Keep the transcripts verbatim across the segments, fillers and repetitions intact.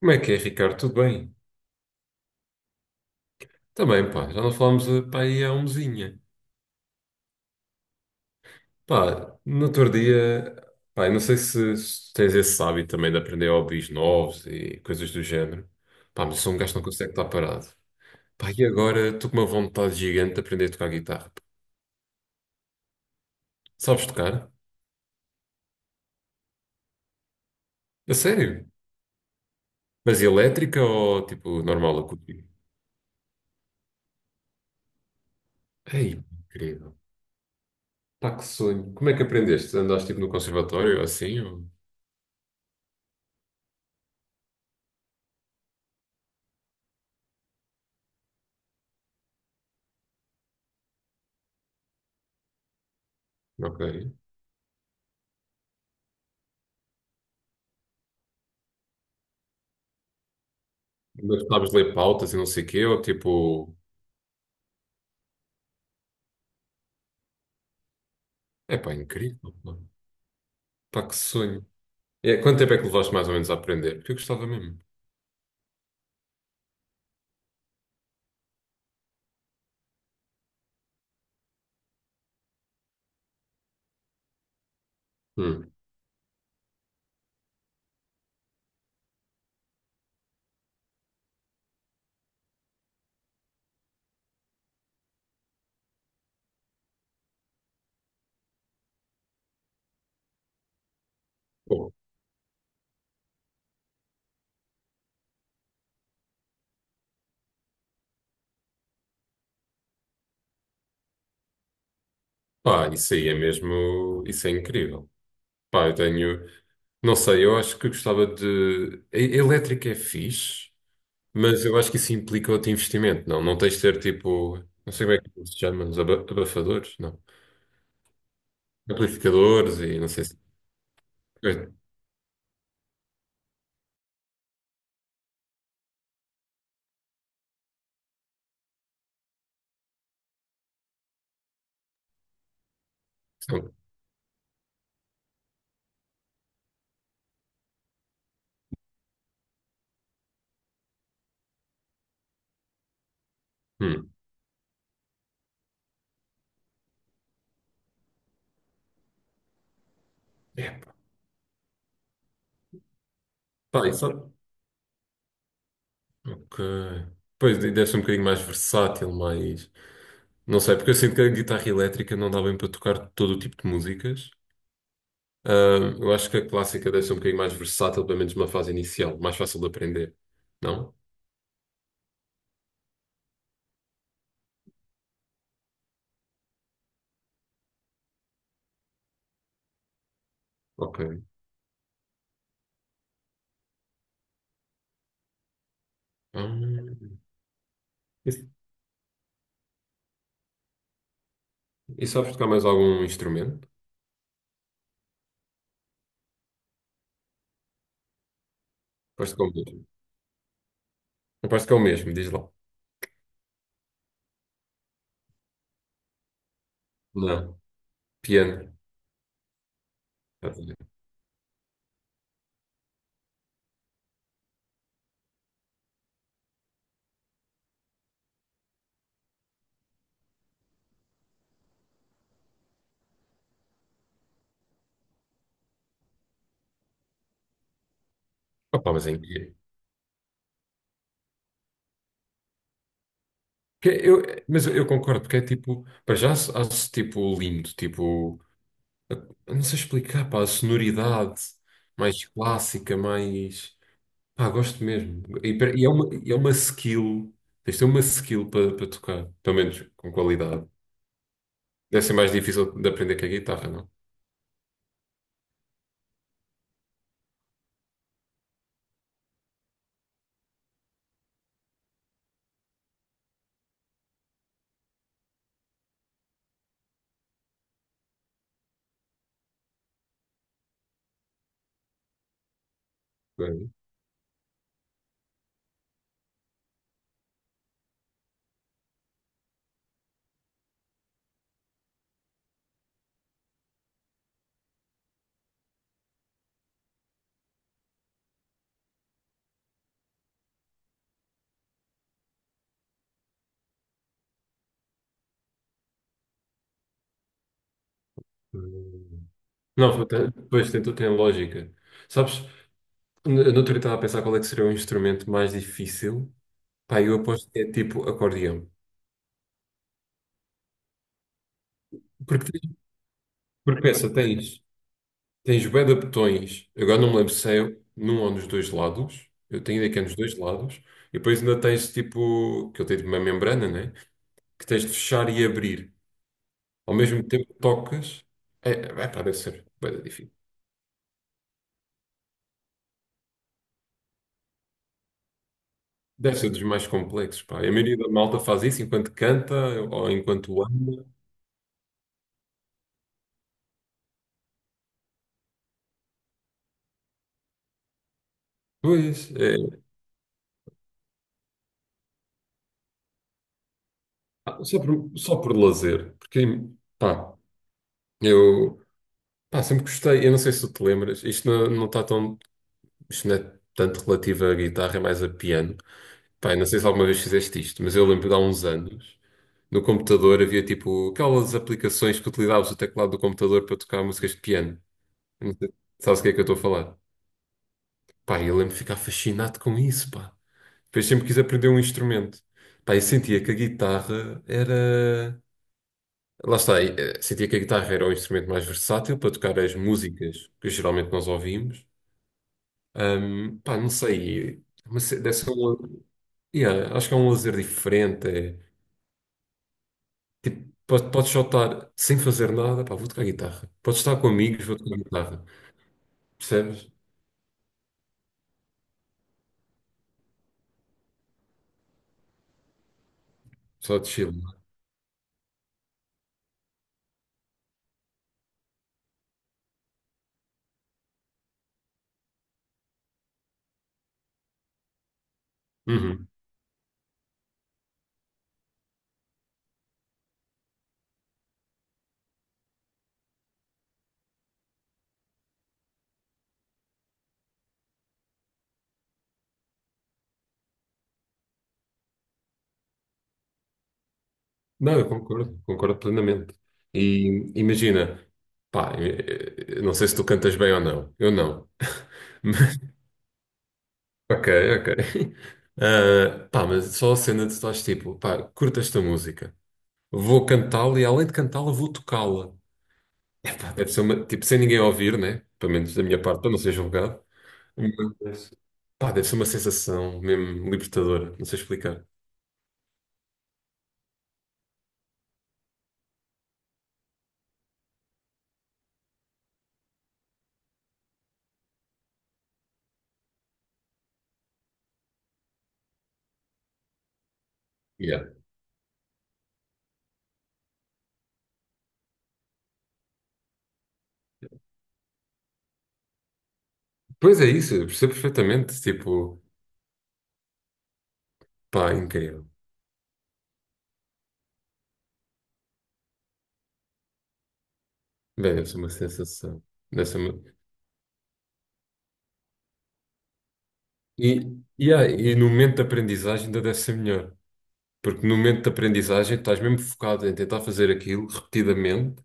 Como é que é, Ricardo? Tudo bem? Também, pá, já não falámos, eh, pá, aí há um mesinha. Pá, no outro dia, pá, eu não sei se, se tens esse hábito também de aprender hobbies novos e coisas do género. Pá, mas eu sou um gajo que não consegue estar parado. Pá, e agora estou com uma vontade gigante de aprender a tocar guitarra. Sabes tocar? A sério? Mas elétrica ou, tipo, normal acústica? Ei, incrível. Pá, que sonho. Como é que aprendeste? Andaste, tipo, no conservatório, ou assim? Ou... Ok. Mas sabes ler pautas e não sei o quê, ou, tipo... É pá, incrível. Pá. Pá, que sonho. É, quanto tempo é que levaste mais ou menos a aprender? Porque eu gostava mesmo. Hum. Pô. Pá, isso aí é mesmo. Isso é incrível. Pá, eu tenho. Não sei, eu acho que gostava de. e- Elétrica é fixe, mas eu acho que isso implica outro investimento, não? Não tens de ter tipo. Não sei como é que se chama, os aba- abafadores? Não. Amplificadores e não sei se. É, são- Hum. É, pá, isso. Ok. Pois deve ser um bocadinho mais versátil, mais. Não sei, porque eu sinto que a guitarra elétrica não dá bem para tocar todo o tipo de músicas. Ahm, eu acho que a clássica deve ser um bocadinho mais versátil, pelo menos numa fase inicial, mais fácil de aprender. Não? Ok. Ahm, e, e sabes tocar mais algum instrumento? Parece que é o mesmo. Não parece que é o mesmo, diz lá. Não. Piano. Opa, mas é incrível. Que Eu, mas eu concordo, porque é tipo, para já acho acho, tipo lindo, tipo, eu não sei explicar, pá, a sonoridade mais clássica, mais. Pá, gosto mesmo. E, per- e é uma, e é uma skill, tens de ter uma skill para para tocar, pelo menos com qualidade. Deve ser mais difícil de aprender que a guitarra, não? Bem, hum. Não, tem- pois tem, tem lógica. Sabes, no no outro dia estava a pensar qual é que seria o instrumento mais difícil. Pá, eu aposto que é tipo acordeão. Porque, tens- porque pensa, tens, tens bué de botões, agora não me lembro se é num ou nos dois lados, eu tenho ideia que é nos dois lados, e depois ainda tens tipo, que eu tenho uma membrana, né? Que tens de fechar e abrir. Ao mesmo tempo que tocas, é, é, pá, deve ser bué da difícil. Deve ser dos mais complexos, pá. E a maioria da malta faz isso enquanto canta ou enquanto anda. Pois, é, pá, só por, só por lazer. Porque, pá, eu pá, sempre gostei. Eu não sei se tu te lembras, isto não, não está tão, isto não é tanto relativo à guitarra, é mais a piano. Pá, eu não sei se alguma vez fizeste isto, mas eu lembro de há uns anos, no computador havia tipo aquelas aplicações que utilizavas o teclado do computador para tocar músicas de piano. Não sei, sabes o que é que eu estou a falar? Pá, eu lembro de ficar fascinado com isso, pá. Depois sempre quis aprender um instrumento. Pá, eu sentia que a guitarra era. Lá está, eh, sentia que a guitarra era o instrumento mais versátil para tocar as músicas que geralmente nós ouvimos. Ahm, pá, não sei. Mas deve ser um... Yeah, acho que é um lazer diferente. É Podes, podes só estar sem fazer nada, pá, vou tocar guitarra. Podes estar com amigos, vou tocar guitarra. Percebes? Só de chill. Uhum. Não, eu concordo, concordo plenamente. E imagina, pá, eh, eh, não sei se tu cantas bem ou não. Eu não. Mas- Ok, ok. Ah, pá, mas só a cena de tu estás tipo, pá, curto esta música. Vou cantá-la e além de cantá-la, vou tocá-la. Epá, deve ser uma, tipo, sem ninguém ouvir, né? Pelo menos da minha parte, para não ser julgado. Meu Deus. Pá, deve ser uma sensação mesmo libertadora, não sei explicar. Yeah. Pois é isso, eu percebo perfeitamente, tipo, pá, incrível. Bem, deve ser uma sensação. Deve ser uma... E, e, ah, e no momento de aprendizagem ainda deve ser melhor, porque no momento de aprendizagem estás mesmo focado em tentar fazer aquilo repetidamente,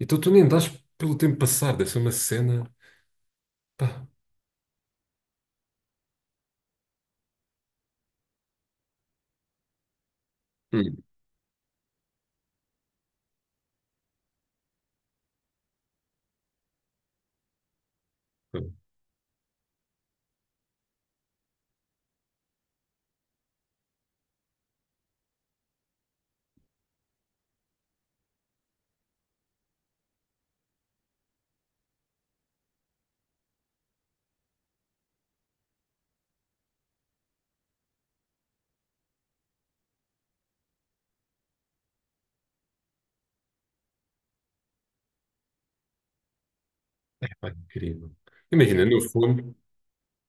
então tu nem dás pelo tempo passar, deve ser uma cena. Hum. Pá, incrível. Imagina, no fundo,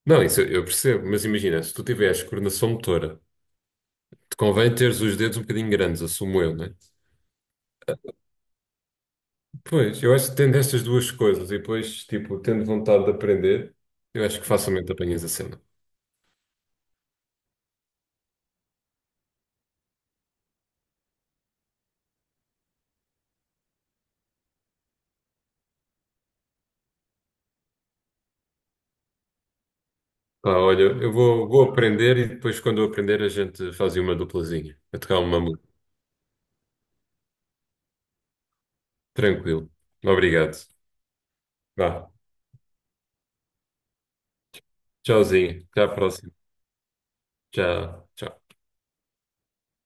não, isso eu eu percebo, mas imagina, se tu tiveres coordenação motora. Te convém teres os dedos um bocadinho grandes, assumo eu, né? Pois, eu acho que tendo estas duas coisas e depois, tipo, tendo vontade de aprender, eu acho que facilmente apanhas a cena. Pá, olha, eu vou, vou aprender e depois, quando eu aprender, a gente faz uma duplazinha. A tocar uma música. Tranquilo. Obrigado. Vá. Tchauzinho. Até à próxima. Tchau, tchau.